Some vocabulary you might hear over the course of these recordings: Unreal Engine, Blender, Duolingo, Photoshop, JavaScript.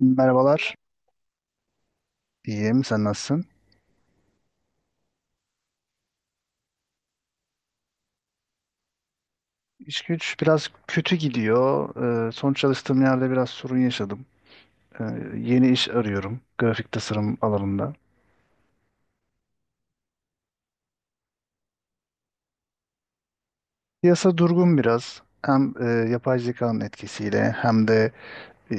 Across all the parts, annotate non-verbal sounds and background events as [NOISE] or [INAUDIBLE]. Merhabalar. İyiyim. Sen nasılsın? İş güç biraz kötü gidiyor. Son çalıştığım yerde biraz sorun yaşadım. Ee, yeni iş arıyorum. Grafik tasarım alanında. Piyasa durgun biraz. Hem yapay zekanın etkisiyle hem de e,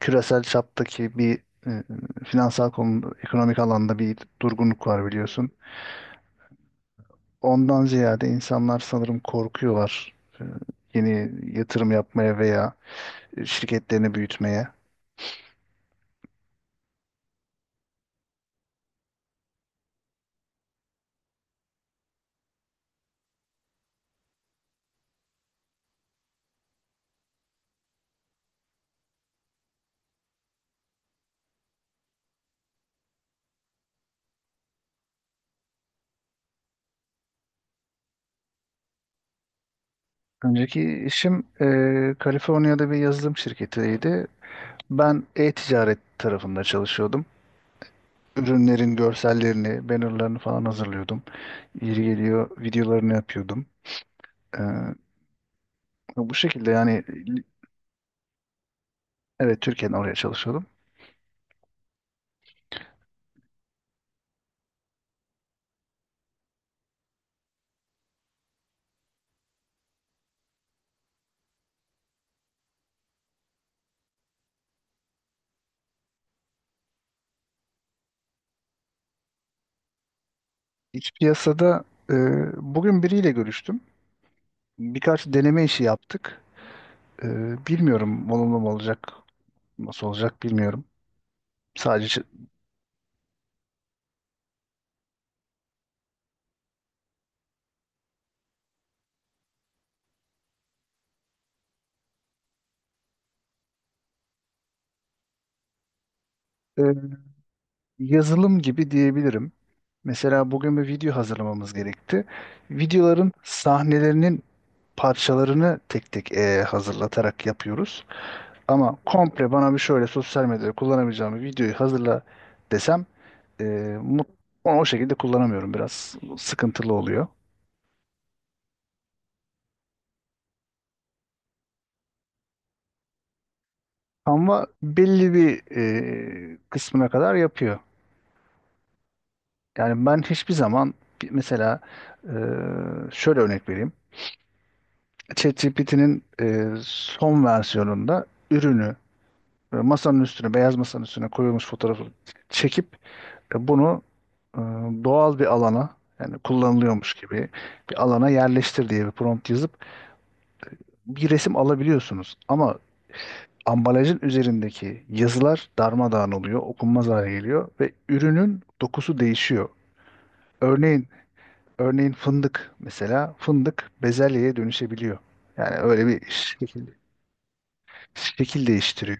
küresel çaptaki bir e, finansal konu, ekonomik alanda bir durgunluk var biliyorsun. Ondan ziyade insanlar sanırım korkuyorlar. e, yeni yatırım yapmaya veya şirketlerini büyütmeye. Önceki işim Kaliforniya'da bir yazılım şirketiydi. Ben e-ticaret tarafında çalışıyordum. Ürünlerin görsellerini, bannerlarını falan hazırlıyordum. Yeri geliyor videolarını yapıyordum. Eee, bu şekilde yani. Evet, Türkiye'den oraya çalışıyordum. İç piyasada e, bugün biriyle görüştüm. Birkaç deneme işi yaptık. E, bilmiyorum olumlu mu olacak, nasıl olacak bilmiyorum. Sadece. E, yazılım gibi diyebilirim. Mesela bugün bir video hazırlamamız gerekti. Videoların sahnelerinin parçalarını tek tek hazırlatarak yapıyoruz. Ama komple bana bir şöyle sosyal medyada kullanabileceğim bir videoyu hazırla desem, e, mut- onu o şekilde kullanamıyorum. Biraz sıkıntılı oluyor. Ama belli bir kısmına kadar yapıyor. Yani ben hiçbir zaman, mesela e, şöyle örnek vereyim. ChatGPT'nin son versiyonunda ürünü masanın üstüne, beyaz masanın üstüne koyulmuş fotoğrafı çekip bunu e, doğal bir alana yani kullanılıyormuş gibi bir alana yerleştir diye bir prompt yazıp bir resim alabiliyorsunuz. Ama ambalajın üzerindeki yazılar darmadağın oluyor, okunmaz hale geliyor ve ürünün dokusu değişiyor. Örneğin, örneğin, fındık mesela fındık bezelyeye dönüşebiliyor. Yani öyle bir şekil değiştiriyor.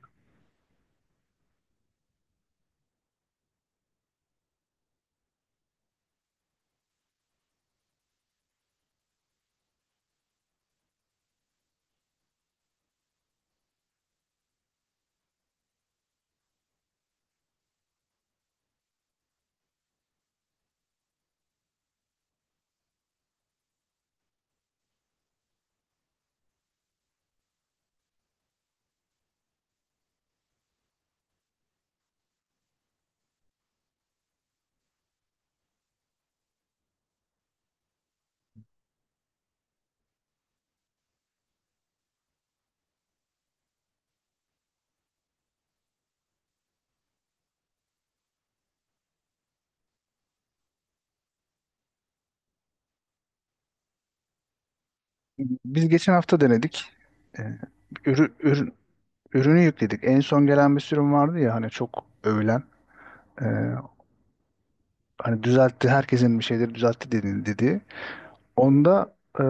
Biz geçen hafta denedik. Ee, ürü- ürün- ürünü yükledik. En son gelen bir sürüm vardı ya hani çok övülen. Ee, hani düzeltti, herkesin bir şeyleri düzeltti dedi, dedi. Onda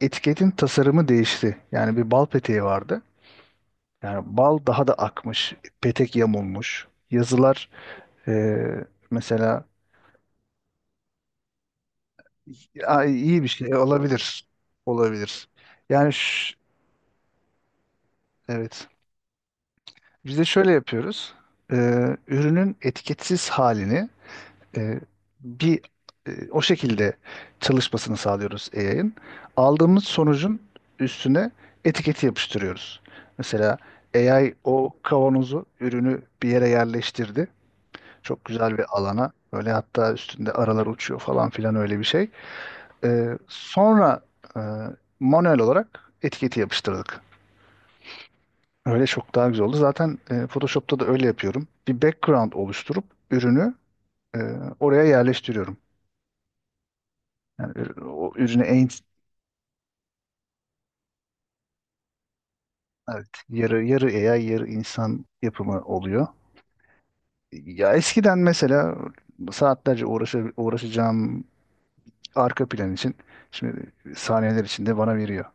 etiketin tasarımı değişti. Yani bir bal peteği vardı. Yani bal daha da akmış, petek yamulmuş. Yazılar e, mesela. Aa, iyi bir şey olabilir. Olabilir. Yani evet. Biz de şöyle yapıyoruz. E, ürünün etiketsiz halini e, bir o şekilde çalışmasını sağlıyoruz AI'ın. Aldığımız sonucun üstüne etiketi yapıştırıyoruz. Mesela AI o kavanozu, ürünü bir yere yerleştirdi. Çok güzel bir alana. Böyle hatta üstünde aralar uçuyor falan filan öyle bir şey. Sonra e, manuel olarak etiketi yapıştırdık. Öyle çok daha güzel oldu. Zaten Photoshop'ta da öyle yapıyorum. Bir background oluşturup ürünü e, oraya yerleştiriyorum. Yani o ürüne en, evet, yarı yarı AI yarı insan yapımı oluyor. Ya eskiden mesela saatlerce uğraşacağım arka plan için şimdi saniyeler içinde bana veriyor.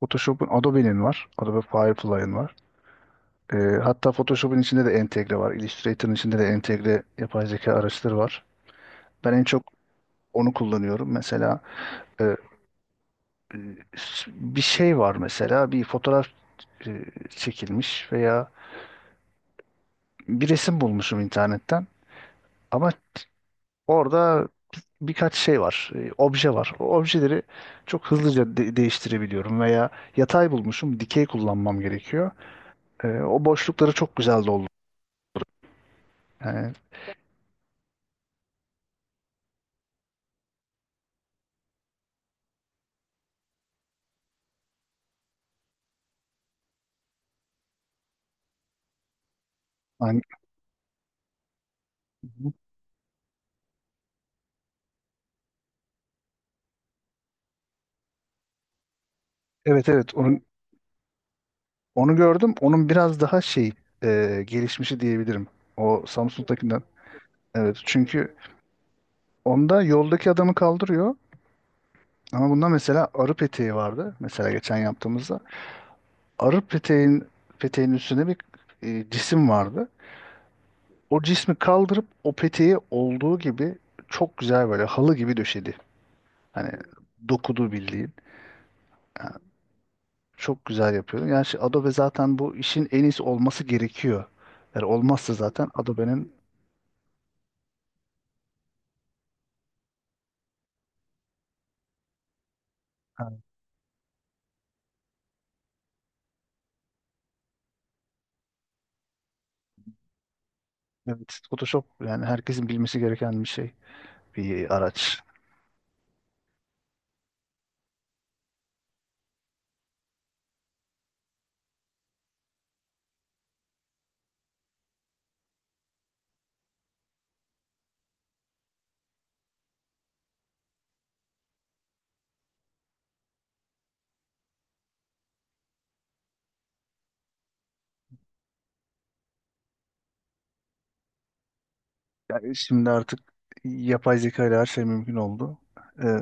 Photoshop'un Adobe'nin var. Adobe Firefly'ın var. Hatta Photoshop'un içinde de entegre var. Illustrator'ın içinde de entegre yapay zeka araçları var. Ben en çok onu kullanıyorum. Mesela e, bir şey var mesela bir fotoğraf e, çekilmiş veya bir resim bulmuşum internetten ama orada birkaç şey var, obje var. O objeleri çok hızlıca değiştirebiliyorum veya yatay bulmuşum, dikey kullanmam gerekiyor. O boşlukları çok güzel doldu. Yani, hani. Evet, evet, onu gördüm. Onun biraz daha şey, gelişmişi diyebilirim. O Samsung'dakinden. Evet, çünkü onda yoldaki adamı kaldırıyor. Ama bunda mesela arı peteği vardı. Mesela geçen yaptığımızda. Arı peteğin üstüne bir cisim vardı. O cismi kaldırıp o peteği olduğu gibi çok güzel böyle halı gibi döşedi. Hani dokudu bildiğin. Çok güzel yapıyor. Yani şey, Adobe zaten bu işin en iyisi olması gerekiyor. Yani olmazsa zaten Adobe'nin. Evet, Photoshop yani herkesin bilmesi gereken bir şey, bir araç. Yani şimdi artık yapay zeka ile her şey mümkün oldu. Ee,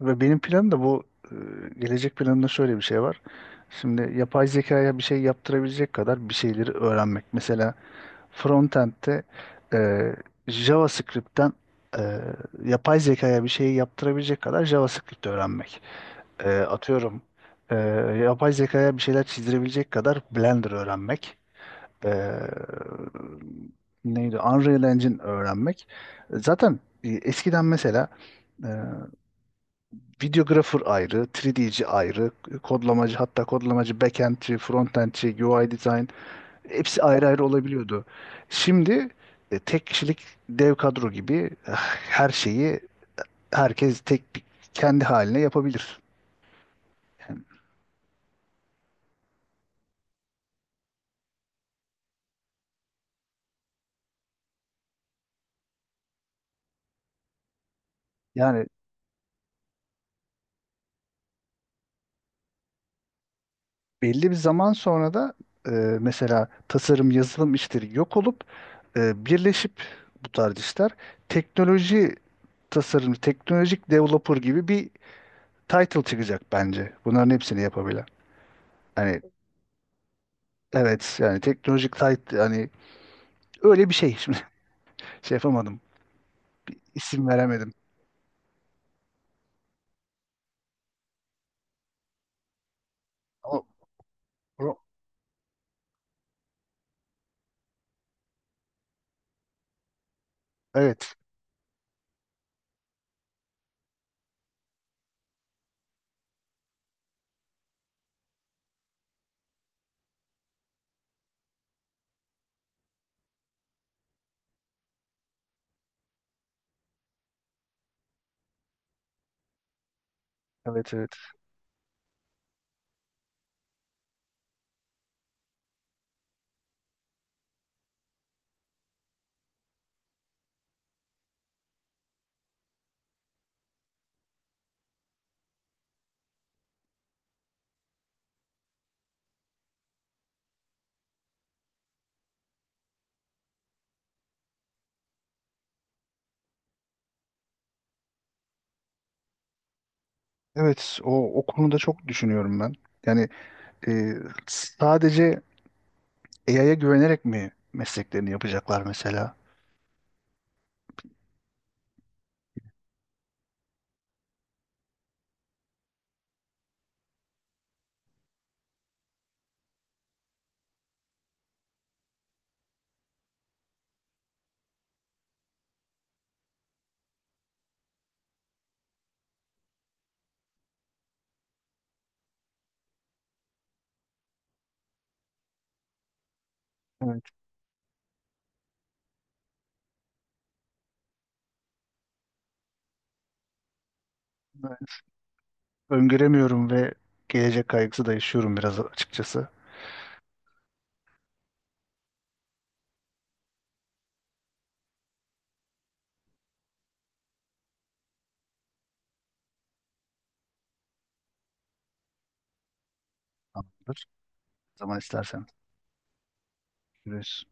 ve benim planım da bu, e, gelecek planımda şöyle bir şey var. Şimdi yapay zekaya bir şey yaptırabilecek kadar bir şeyleri öğrenmek. Mesela frontend'de e, JavaScript'ten e, yapay zekaya bir şeyi yaptırabilecek kadar JavaScript öğrenmek. Atıyorum, e, yapay zekaya bir şeyler çizdirebilecek kadar Blender öğrenmek. e, neydi? Unreal Engine öğrenmek. Zaten eskiden mesela e, videographer ayrı, 3D'ci ayrı, kodlamacı hatta kodlamacı backend'ci, frontend'ci, UI design hepsi ayrı ayrı olabiliyordu. Şimdi tek kişilik dev kadro gibi, her şeyi herkes kendi haline yapabilir. Yani belli bir zaman sonra da e, mesela tasarım, yazılım işleri yok olup birleşip bu tarz işler teknoloji tasarım, teknolojik developer gibi bir title çıkacak bence. Bunların hepsini yapabilen. Hani, evet, yani teknolojik title, hani öyle bir şey. [LAUGHS] Şimdi şey yapamadım. İsim veremedim. Ama pro- evet, evet, evet. Evet, o konuda çok düşünüyorum ben. Yani e, sadece AI'ya güvenerek mi mesleklerini yapacaklar mesela? Evet, ben öngöremiyorum ve gelecek kaygısı da yaşıyorum biraz açıkçası. Tamamdır. Ne zaman istersen. Görüşürüz.